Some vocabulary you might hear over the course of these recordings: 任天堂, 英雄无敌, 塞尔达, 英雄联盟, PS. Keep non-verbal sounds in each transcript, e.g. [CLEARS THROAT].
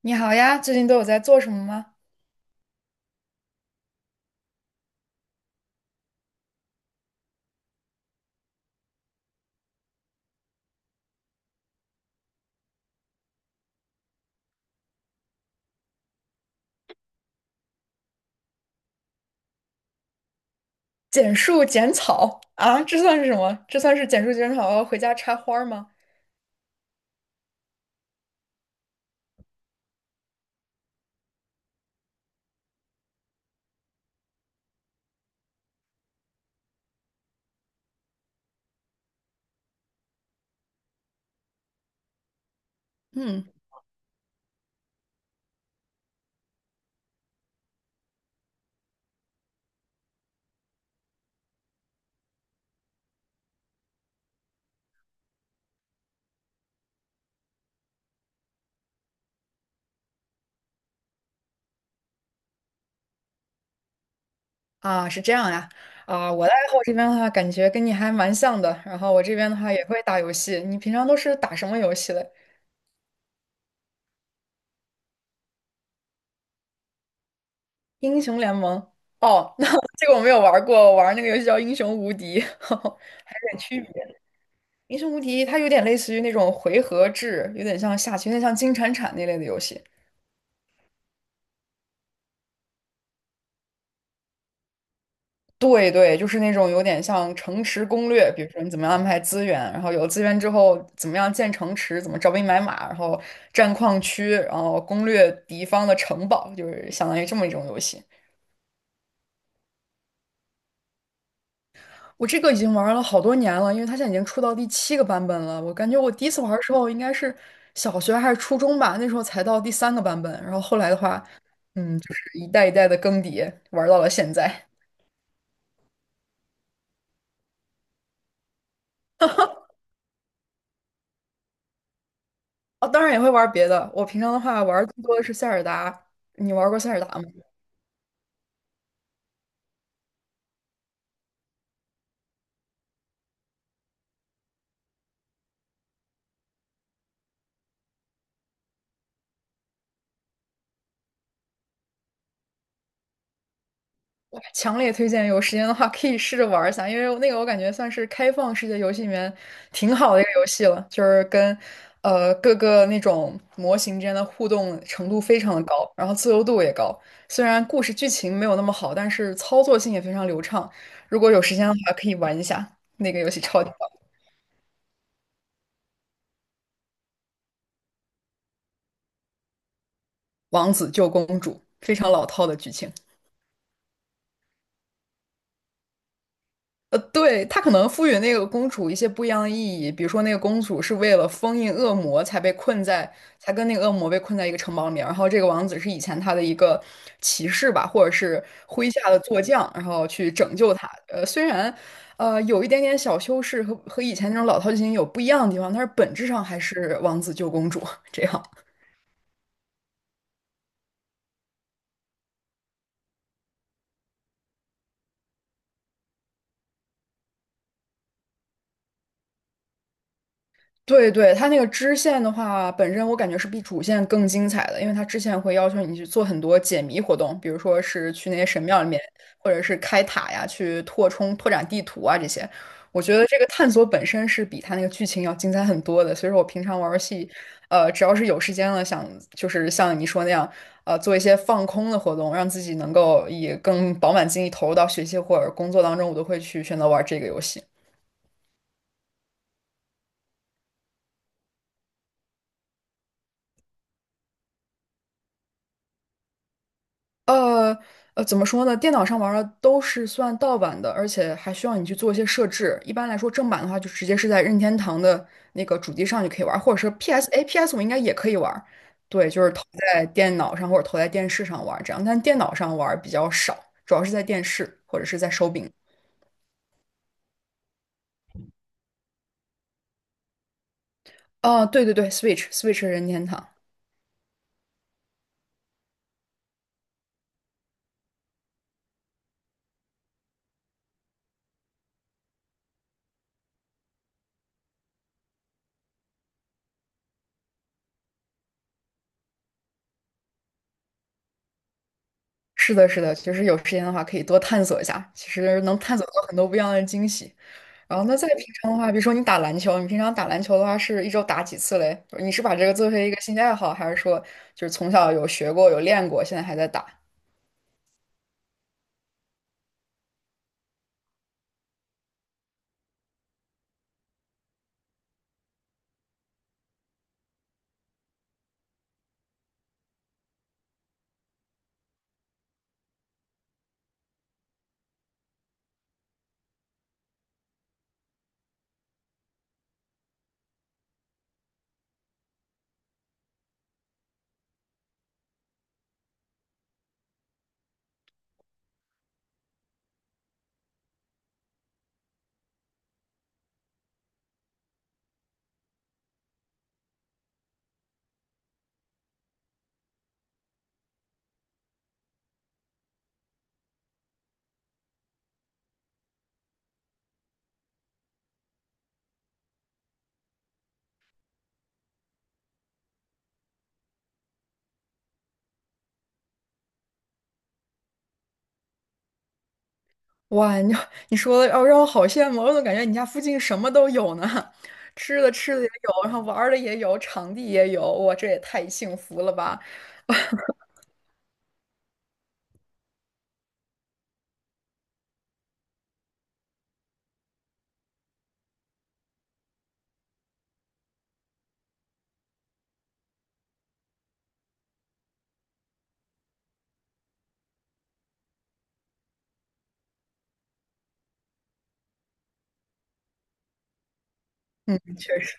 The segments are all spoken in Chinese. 你好呀，最近都有在做什么吗？剪树剪草啊，这算是什么？这算是剪树剪草，回家插花儿吗？嗯，啊，是这样呀。啊，我的爱好这边的话，感觉跟你还蛮像的。然后我这边的话也会打游戏。你平常都是打什么游戏的？英雄联盟。哦，[LAUGHS] 那这个我没有玩过，我玩那个游戏叫《英雄无敌》，[LAUGHS] 还有点区别。《英雄无敌》它有点类似于那种回合制，有点像下棋，有点像金铲铲那类的游戏。对对，就是那种有点像城池攻略，比如说你怎么样安排资源，然后有资源之后怎么样建城池，怎么招兵买马，然后占矿区，然后攻略敌方的城堡，就是相当于这么一种游戏。我这个已经玩了好多年了，因为它现在已经出到第七个版本了。我感觉我第一次玩的时候应该是小学还是初中吧，那时候才到第三个版本。然后后来的话，嗯，就是一代一代的更迭，玩到了现在。哦，当然也会玩别的。我平常的话玩更多的是塞尔达。你玩过塞尔达吗？强烈推荐，有时间的话可以试着玩一下，因为那个我感觉算是开放世界游戏里面挺好的一个游戏了，就是跟各个那种模型之间的互动程度非常的高，然后自由度也高。虽然故事剧情没有那么好，但是操作性也非常流畅。如果有时间的话，可以玩一下那个游戏，超级棒，《王子救公主》，非常老套的剧情。呃，对，他可能赋予那个公主一些不一样的意义，比如说那个公主是为了封印恶魔才被困在，才跟那个恶魔被困在一个城堡里面，然后这个王子是以前他的一个骑士吧，或者是麾下的坐将，然后去拯救他。呃，虽然有一点点小修饰和以前那种老套剧情有不一样的地方，但是本质上还是王子救公主 [LAUGHS] 这样。对对，它那个支线的话，本身我感觉是比主线更精彩的，因为它支线会要求你去做很多解谜活动，比如说是去那些神庙里面，或者是开塔呀，去拓充、拓展地图啊这些。我觉得这个探索本身是比它那个剧情要精彩很多的，所以说我平常玩游戏，呃，只要是有时间了，想就是像你说那样，呃，做一些放空的活动，让自己能够以更饱满精力投入到学习或者工作当中，我都会去选择玩这个游戏。呃呃，怎么说呢？电脑上玩儿的都是算盗版的，而且还需要你去做一些设置。一般来说，正版的话就直接是在任天堂的那个主机上就可以玩儿或者是 PS，哎，PS 我应该也可以玩儿对，就是投在电脑上或者投在电视上玩儿这样，但电脑上玩儿比较少，主要是在电视或者是在手柄。哦，对对对，Switch，Switch 任天堂。是的，是的，其实有时间的话可以多探索一下，其实能探索到很多不一样的惊喜。然后那在平常的话，比如说你打篮球，你平常打篮球的话是一周打几次嘞？你是把这个作为一个兴趣爱好，还是说就是从小有学过、有练过，现在还在打？哇，你 [LAUGHS] 你说的哦，让我好羡慕，我怎么感觉你家附近什么都有呢？[LAUGHS] 吃的也有，然后玩儿的也有，场地也有，哇，这也太幸福了吧！嗯，确实。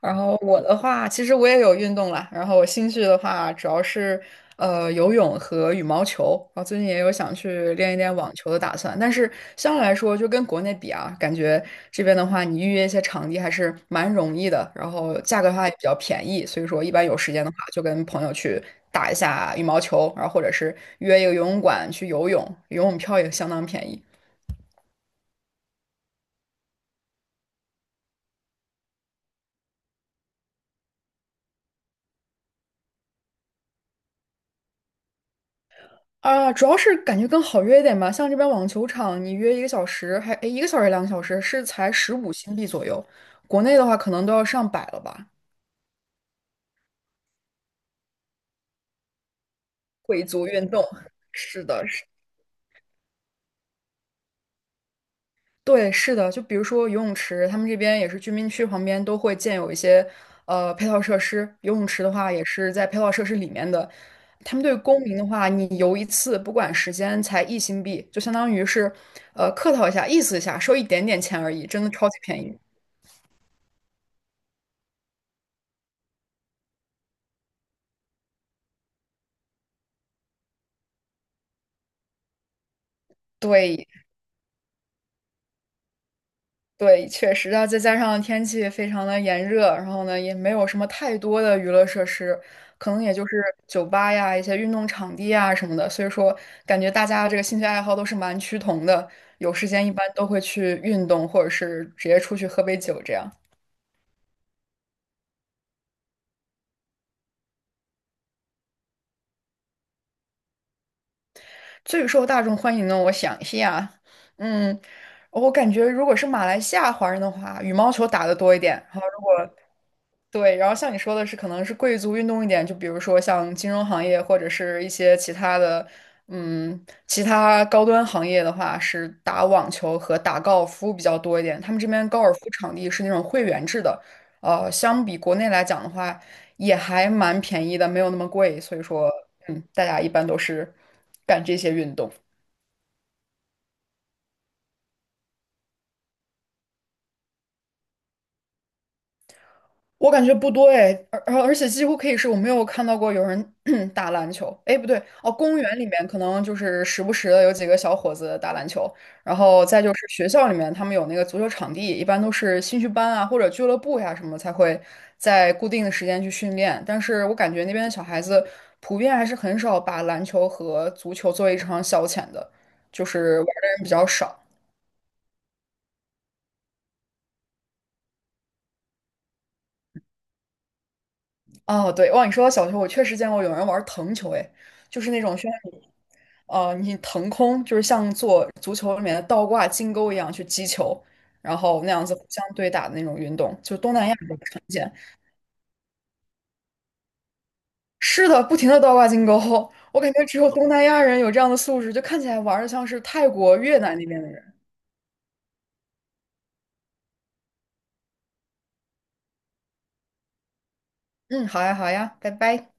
然后我的话，其实我也有运动啦。然后我兴趣的话，主要是游泳和羽毛球。然后最近也有想去练一练网球的打算。但是相对来说，就跟国内比啊，感觉这边的话，你预约一些场地还是蛮容易的，然后价格的话也比较便宜。所以说，一般有时间的话，就跟朋友去打一下羽毛球，然后或者是约一个游泳馆去游泳，游泳票也相当便宜。啊，主要是感觉更好约一点吧。像这边网球场，你约一个小时，还，诶，一个小时两个小时是才15新币左右。国内的话，可能都要上百了吧。贵族运动，是的，是，对，是的。就比如说游泳池，他们这边也是居民区旁边都会建有一些配套设施。游泳池的话，也是在配套设施里面的。他们对公民的话，你游一次，不管时间，才1新币，就相当于是客套一下，意思一下，收一点点钱而已，真的超级便宜。对，对，确实，那再加上天气非常的炎热，然后呢，也没有什么太多的娱乐设施，可能也就是酒吧呀、一些运动场地啊什么的，所以说感觉大家这个兴趣爱好都是蛮趋同的，有时间一般都会去运动，或者是直接出去喝杯酒这样。最受大众欢迎呢，我想一下，嗯，我感觉如果是马来西亚华人的话，羽毛球打得多一点，对，然后像你说的是，可能是贵族运动一点，就比如说像金融行业或者是一些其他的，嗯，其他高端行业的话，是打网球和打高尔夫比较多一点。他们这边高尔夫场地是那种会员制的，呃，相比国内来讲的话，也还蛮便宜的，没有那么贵。所以说，嗯，大家一般都是干这些运动。我感觉不多哎，而且几乎可以是我没有看到过有人 [CLEARS THROAT] 打篮球。哎，不对，哦，公园里面可能就是时不时的有几个小伙子打篮球，然后再就是学校里面他们有那个足球场地，一般都是兴趣班啊或者俱乐部呀、什么才会在固定的时间去训练。但是我感觉那边的小孩子普遍还是很少把篮球和足球作为一场消遣的，就是玩的人比较少。哦，对，哇，你说到小球，我确实见过有人玩腾球，哎，就是那种需要你呃，你腾空，就是像做足球里面的倒挂金钩一样去击球，然后那样子互相对打的那种运动，就东南亚比较常见。是的，不停的倒挂金钩，我感觉只有东南亚人有这样的素质，就看起来玩的像是泰国、越南那边的人。嗯，好呀，好呀，拜拜。